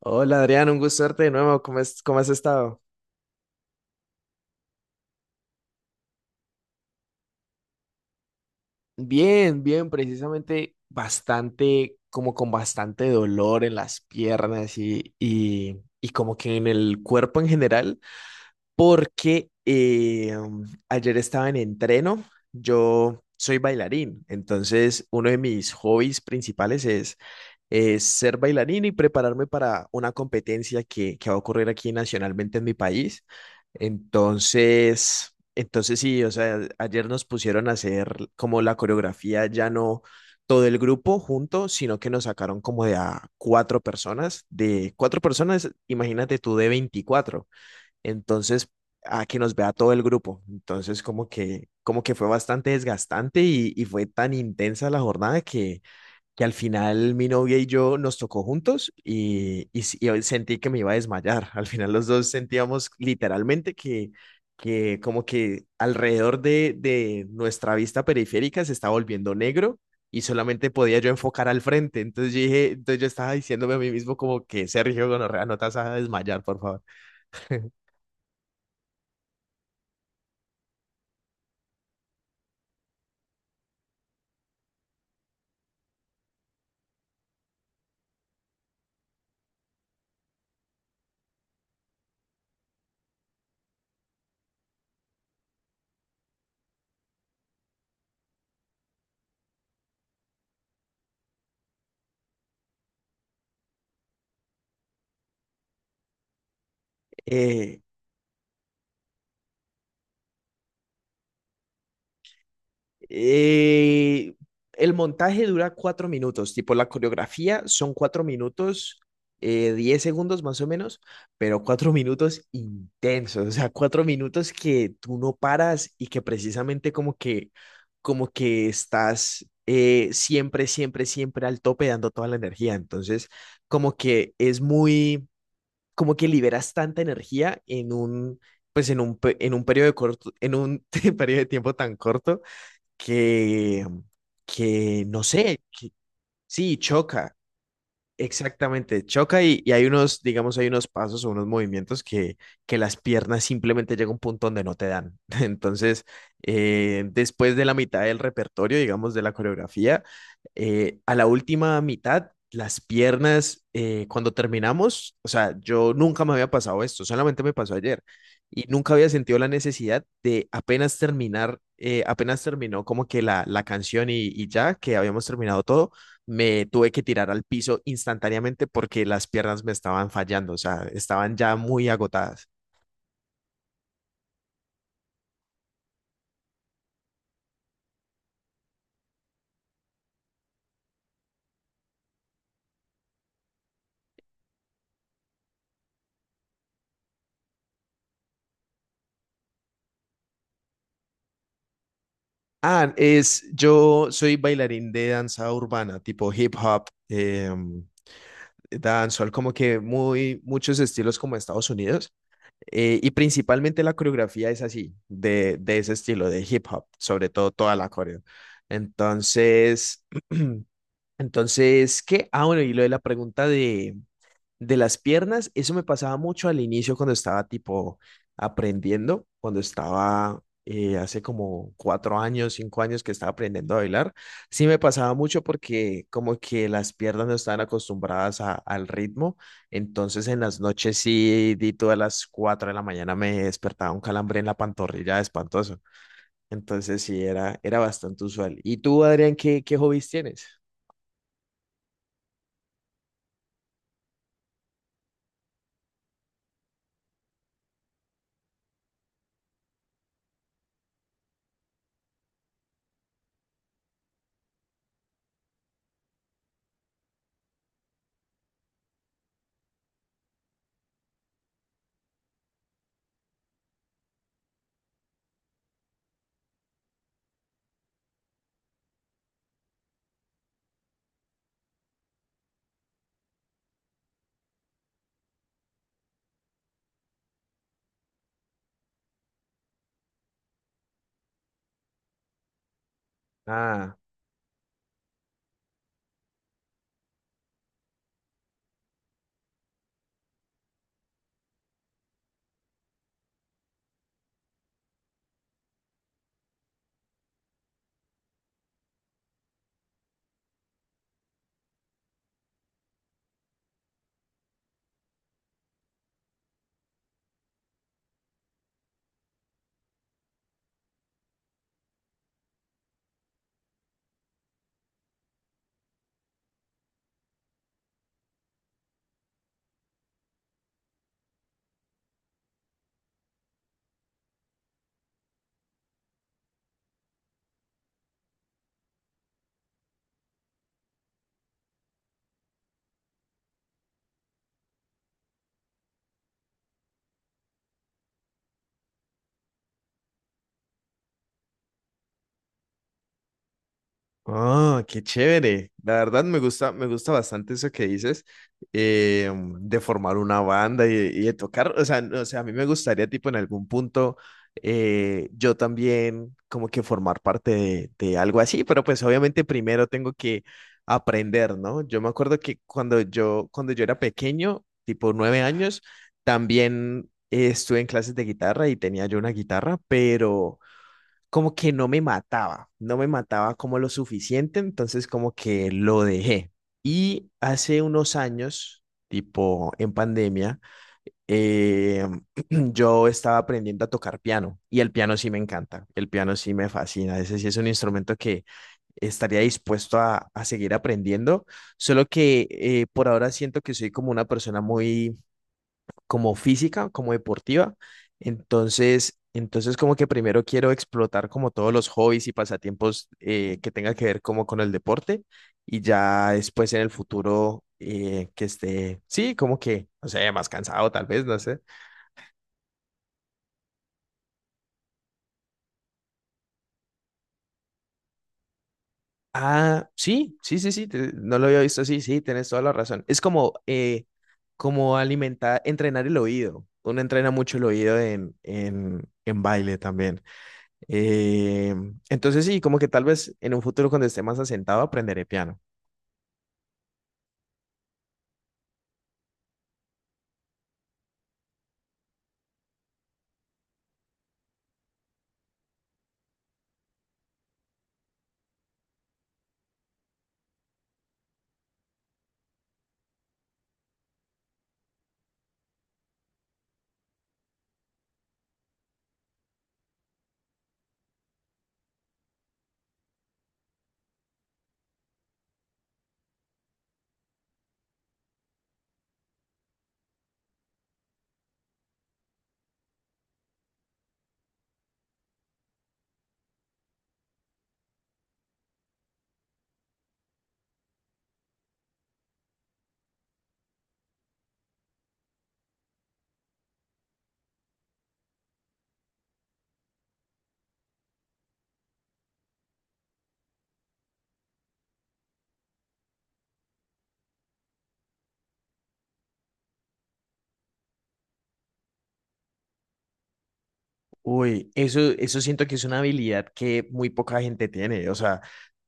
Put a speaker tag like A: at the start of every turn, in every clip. A: Hola Adrián, un gusto verte de nuevo. ¿Cómo has estado? Bien, bien, precisamente bastante, como con bastante dolor en las piernas y como que en el cuerpo en general, porque ayer estaba en entreno. Yo soy bailarín, entonces uno de mis hobbies principales es ser bailarín y prepararme para una competencia que va a ocurrir aquí nacionalmente en mi país. Entonces sí, o sea, ayer nos pusieron a hacer como la coreografía, ya no todo el grupo junto, sino que nos sacaron como de a cuatro personas, de cuatro personas. Imagínate tú, de 24. Entonces, a que nos vea todo el grupo. Entonces, como que fue bastante desgastante y fue tan intensa la jornada que al final mi novia y yo nos tocó juntos y hoy sentí que me iba a desmayar. Al final los dos sentíamos literalmente que como que alrededor de nuestra vista periférica se estaba volviendo negro y solamente podía yo enfocar al frente. Entonces yo estaba diciéndome a mí mismo como que, Sergio Gonorrea, no te vas a desmayar, por favor. Eh, Eh, el montaje dura 4 minutos, tipo la coreografía son 4 minutos, 10 segundos más o menos, pero 4 minutos intensos, o sea, 4 minutos que tú no paras y que precisamente como que estás siempre, siempre, siempre al tope dando toda la energía. Entonces, como que es muy, como que liberas tanta energía en un periodo de tiempo tan corto, que, que no sé. Que sí, choca. Exactamente, choca y hay unos, digamos, hay unos pasos o unos movimientos que las piernas simplemente llega a un punto donde no te dan. Entonces, después de la mitad del repertorio, digamos, de la coreografía, a la última mitad, las piernas, cuando terminamos, o sea, yo nunca me había pasado esto, solamente me pasó ayer y nunca había sentido la necesidad de apenas terminar, apenas terminó como que la canción y ya que habíamos terminado todo me tuve que tirar al piso instantáneamente porque las piernas me estaban fallando, o sea, estaban ya muy agotadas. Ah, yo soy bailarín de danza urbana, tipo hip hop, dancehall, como que muchos estilos como Estados Unidos. Y principalmente la coreografía es así, de ese estilo, de hip hop, sobre todo toda la coreo. Entonces, entonces, ¿qué? Ah, bueno, y lo de la pregunta de, las piernas, eso me pasaba mucho al inicio cuando estaba tipo aprendiendo, cuando estaba hace como 4 años, 5 años que estaba aprendiendo a bailar. Sí me pasaba mucho porque como que las piernas no estaban acostumbradas a- al ritmo. Entonces en las noches sí, di todas las 4 de la mañana me despertaba un calambre en la pantorrilla espantoso. Entonces sí era bastante usual. ¿Y tú, Adrián, qué, hobbies tienes? Ah. Oh, qué chévere. La verdad me gusta bastante eso que dices, eh, de formar una banda y de tocar. O sea, no, o sea, a mí me gustaría, tipo, en algún punto yo también como que formar parte de algo así, pero pues obviamente primero tengo que aprender, ¿no? Yo me acuerdo que cuando yo era pequeño, tipo 9 años, también estuve en clases de guitarra y tenía yo una guitarra, pero como que no me mataba, no me mataba como lo suficiente, entonces como que lo dejé. Y hace unos años, tipo en pandemia, eh, yo estaba aprendiendo a tocar piano y el piano sí me encanta, el piano sí me fascina, ese sí es un instrumento que estaría dispuesto a seguir aprendiendo, solo que por ahora siento que soy como una persona muy como física, como deportiva. Entonces como que primero quiero explotar como todos los hobbies y pasatiempos que tenga que ver como con el deporte y ya después en el futuro que esté, sí, como que, no sé, más cansado tal vez, no sé. Ah, sí, sí, sí, sí, no lo había visto así, sí, tienes toda la razón. Es como, como alimentar, entrenar el oído. Uno entrena mucho el oído en baile también. Eh, entonces sí, como que tal vez en un futuro cuando esté más asentado aprenderé piano. Uy, eso siento que es una habilidad que muy poca gente tiene. O sea,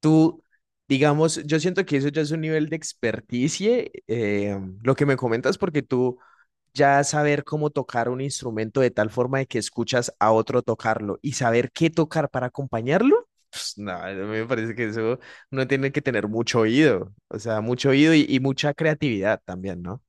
A: tú, digamos, yo siento que eso ya es un nivel de experticia, lo que me comentas, porque tú ya saber cómo tocar un instrumento de tal forma de que escuchas a otro tocarlo y saber qué tocar para acompañarlo. Pues nada, a mí me parece que eso uno tiene que tener mucho oído, o sea, mucho oído y mucha creatividad también, ¿no?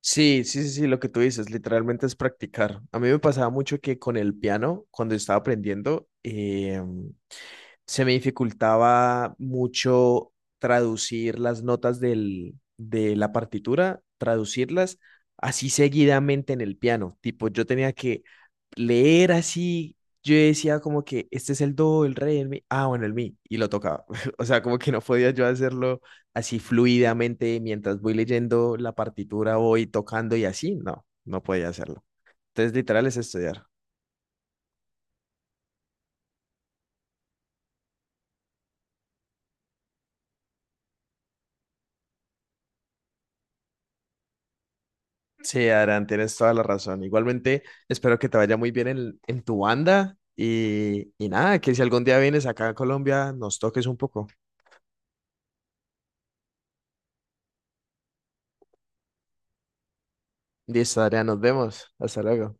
A: Sí, sí, sí, sí, lo que tú dices, literalmente es practicar. A mí me pasaba mucho que con el piano, cuando estaba aprendiendo, se me dificultaba mucho traducir las notas de la partitura, traducirlas así seguidamente en el piano. Tipo, yo tenía que leer así. Yo decía como que este es el do, el re, el mi, ah, bueno, el mi, y lo tocaba. O sea, como que no podía yo hacerlo así fluidamente mientras voy leyendo la partitura, voy tocando y así, no, no podía hacerlo. Entonces, literal es estudiar. Sí, Adrián, tienes toda la razón. Igualmente, espero que te vaya muy bien en, tu banda y nada, que si algún día vienes acá a Colombia, nos toques un poco. Listo, Adrián, nos vemos. Hasta luego.